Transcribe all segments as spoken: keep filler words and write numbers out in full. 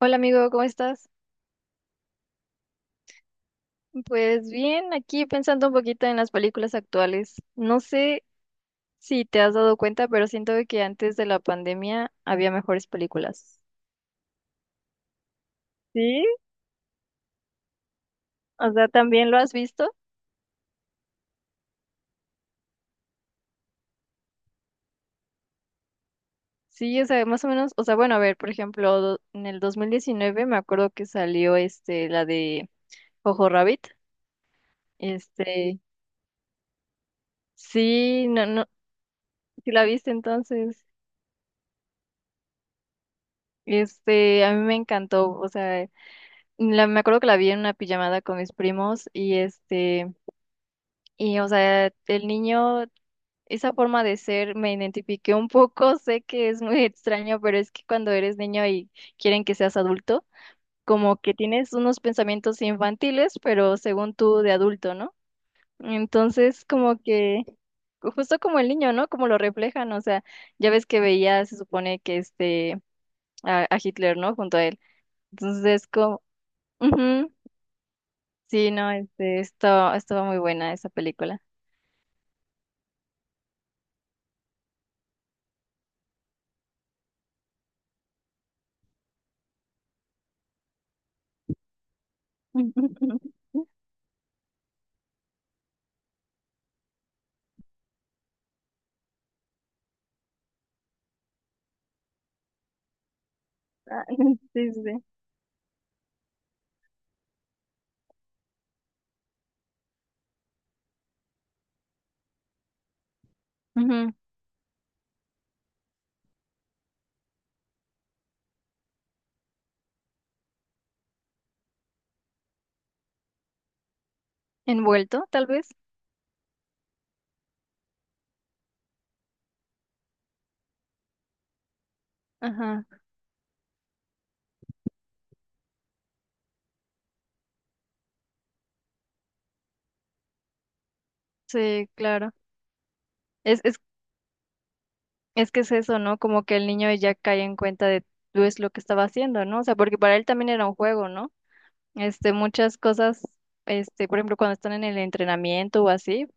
Hola amigo, ¿cómo estás? Pues bien, aquí pensando un poquito en las películas actuales. No sé si te has dado cuenta, pero siento de que antes de la pandemia había mejores películas. ¿Sí? O sea, ¿también lo has visto? Sí, o sea, más o menos, o sea, bueno, a ver, por ejemplo, do- en el dos mil diecinueve me acuerdo que salió este la de Jojo Rabbit. Este, sí, no no, si la viste entonces. Este, a mí me encantó, o sea, La- me acuerdo que la vi en una pijamada con mis primos y este, y o sea, el niño, esa forma de ser me identifiqué un poco, sé que es muy extraño, pero es que cuando eres niño y quieren que seas adulto, como que tienes unos pensamientos infantiles, pero según tú de adulto, ¿no? Entonces, como que, justo como el niño, ¿no? Como lo reflejan, o sea, ya ves que veía, se supone que este, a, a Hitler, ¿no? Junto a él. Entonces. Como... ujú. Sí, no, este, esto, estuvo muy buena esa película. Ay. Sí, sí. Ujú. Envuelto, tal vez. Ajá. Sí, claro. Es, es, es que es eso, ¿no? Como que el niño ya cae en cuenta de pues lo que estaba haciendo, ¿no? O sea, porque para él también era un juego, ¿no? Este, muchas cosas, este, por ejemplo, cuando están en el entrenamiento o así,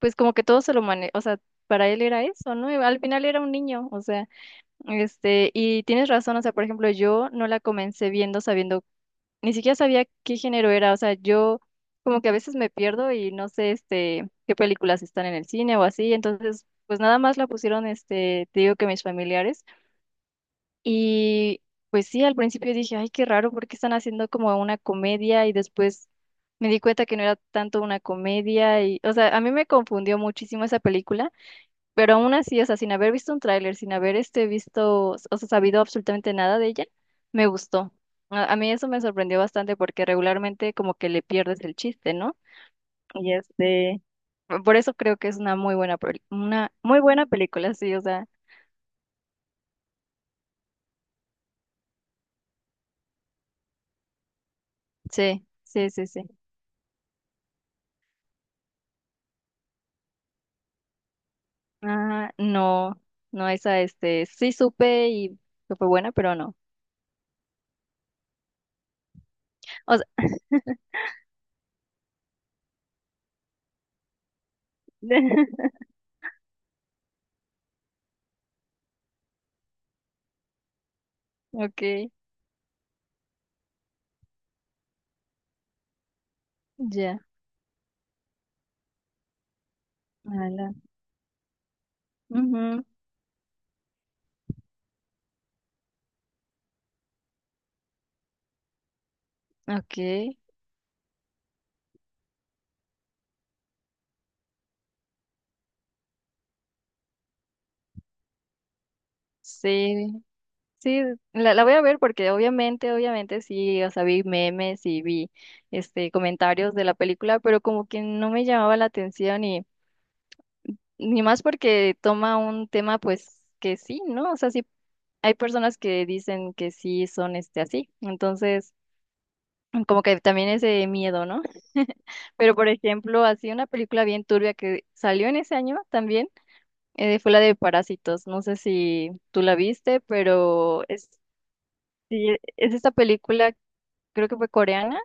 pues como que todo se lo maneja, o sea, para él era eso, ¿no? Y al final era un niño, o sea, este, y tienes razón, o sea, por ejemplo, yo no la comencé viendo sabiendo, ni siquiera sabía qué género era, o sea, yo como que a veces me pierdo y no sé este qué películas están en el cine o así, entonces pues nada más la pusieron este, te digo que mis familiares, y pues sí, al principio dije, ay, qué raro, porque están haciendo como una comedia y después me di cuenta que no era tanto una comedia y o sea, a mí me confundió muchísimo esa película, pero aún así, o sea, sin haber visto un tráiler, sin haber este visto, o sea, sabido absolutamente nada de ella, me gustó. A, a mí eso me sorprendió bastante porque regularmente como que le pierdes el chiste, ¿no? Y este, p- por eso creo que es una muy buena, peli- una muy buena película, sí, o sea, sí, sí, sí, sí. Ah, no, no, esa, este, sí supe y que fue buena, pero no. O sea. Ok. Ya. Ala. Ujú. Ok. Sí. Sí, la, la voy a ver porque obviamente, obviamente sí, o sea, vi memes y vi este comentarios de la película, pero como que no me llamaba la atención y ni más porque toma un tema pues que sí, ¿no? O sea, sí hay personas que dicen que sí son este así. Entonces, como que también ese miedo, ¿no? Pero por ejemplo, así una película bien turbia que salió en ese año también, eh, fue la de Parásitos. No sé si tú la viste, pero es Sí, es esta película, creo que fue coreana,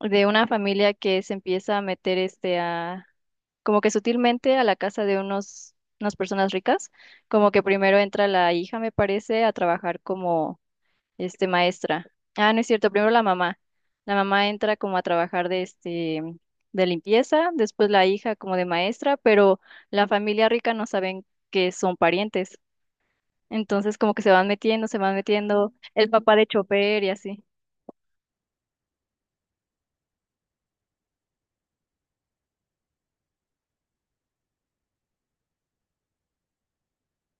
de una familia que se empieza a meter este a, como que sutilmente a la casa de unos, unas personas ricas, como que primero entra la hija, me parece, a trabajar como este maestra. Ah, no es cierto, primero la mamá. La mamá entra como a trabajar de este de limpieza, después la hija como de maestra, pero la familia rica no saben que son parientes. Entonces como que se van metiendo, se van metiendo, el papá de chofer y así.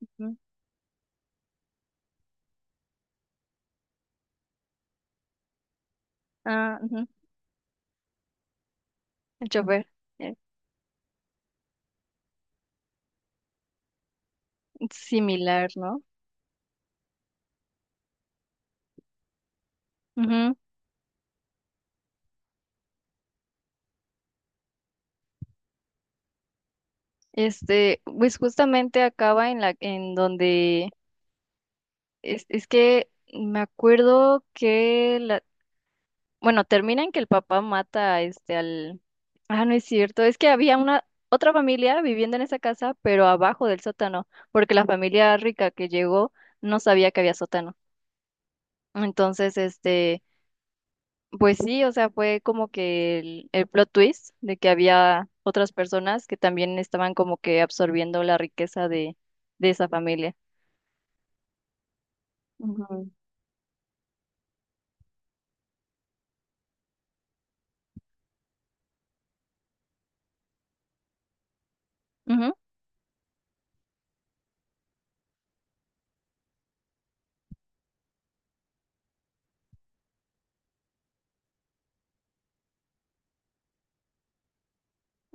Ujú. Ah, ujú. El chofer, eh, similar, ¿no? Ujú. Este, pues justamente acaba en la, en donde es, es que me acuerdo que la, bueno, termina en que el papá mata a este al, ah, no es cierto, es que había una otra familia viviendo en esa casa, pero abajo del sótano, porque la familia rica que llegó no sabía que había sótano. Entonces, este pues sí, o sea, fue como que el, el plot twist de que había otras personas que también estaban como que absorbiendo la riqueza de, de esa familia. Ujú. Ujú.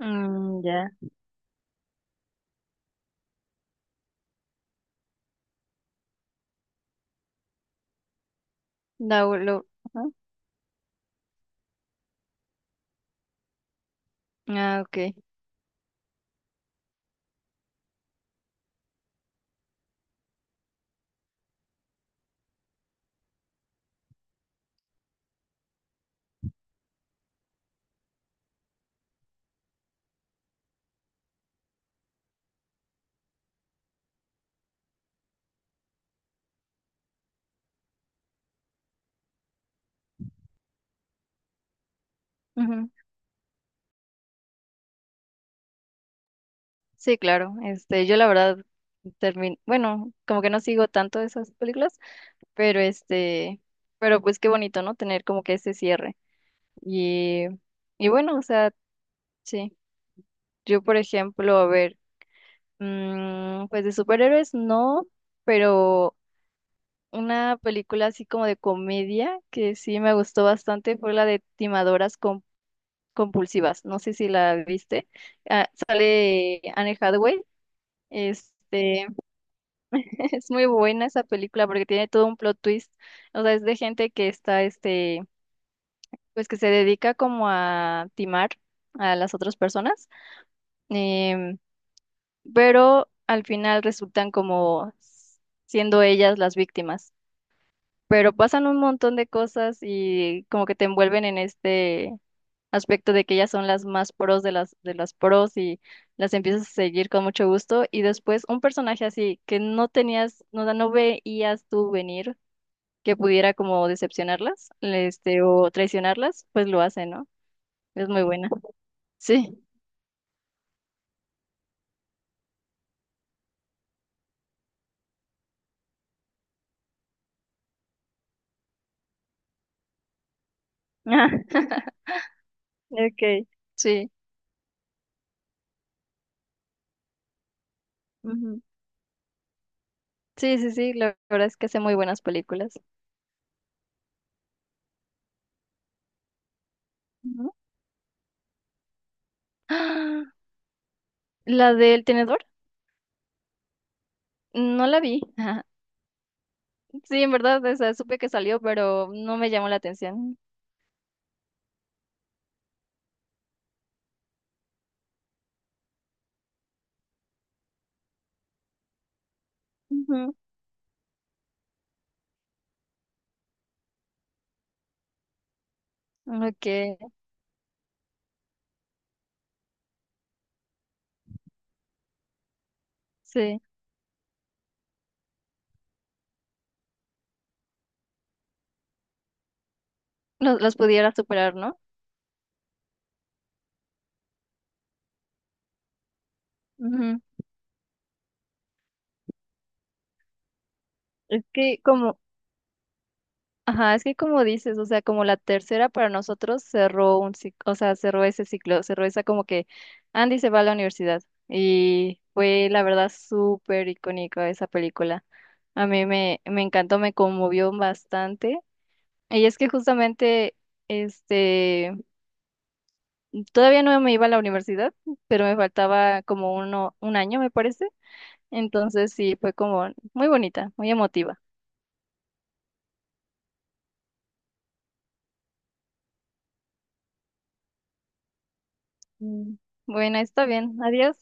Mm, ya. No, lo- ajá. Ah, ok. Ujú. Sí, claro. Este, yo la verdad termin bueno, como que no sigo tanto esas películas, pero este, pero pues qué bonito, ¿no? Tener como que ese cierre. Y, y bueno, o sea, sí. Yo, por ejemplo, a ver. Mm, pues de superhéroes no, pero una película así como de comedia que sí me gustó bastante fue la de Timadoras com- Compulsivas. No sé si la viste. Ah, sale Anne Hathaway. Este, es muy buena esa película porque tiene todo un plot twist. O sea, es de gente que está, este, pues que se dedica como a timar a las otras personas. em, pero al final resultan como siendo ellas las víctimas. Pero pasan un montón de cosas y como que te envuelven en este aspecto de que ellas son las más pros de las de las pros y las empiezas a seguir con mucho gusto y después un personaje así que no tenías, no, no veías tú venir que pudiera como decepcionarlas, este, o traicionarlas, pues lo hace, ¿no? Es muy buena. Sí. Okay. Sí. Ujú. Sí, sí, sí, la verdad es que hace muy buenas películas. Ujú. ¡Ah! La del tenedor, no la vi. Sí, en verdad, o sea, supe que salió, pero no me llamó la atención. Ujú. Ok, sí, los, los pudiera superar, ¿no? Ujú. Es que como, ajá, es que como dices, o sea, como la tercera para nosotros cerró un ciclo, o sea, cerró ese ciclo, cerró esa como que Andy se va a la universidad y fue la verdad súper icónica esa película. A mí me, me encantó, me conmovió bastante. Y es que justamente. este... Todavía no me iba a la universidad, pero me faltaba como uno, un año, me parece. Entonces sí, fue como muy bonita, muy emotiva. Mm. Bueno, está bien. Adiós.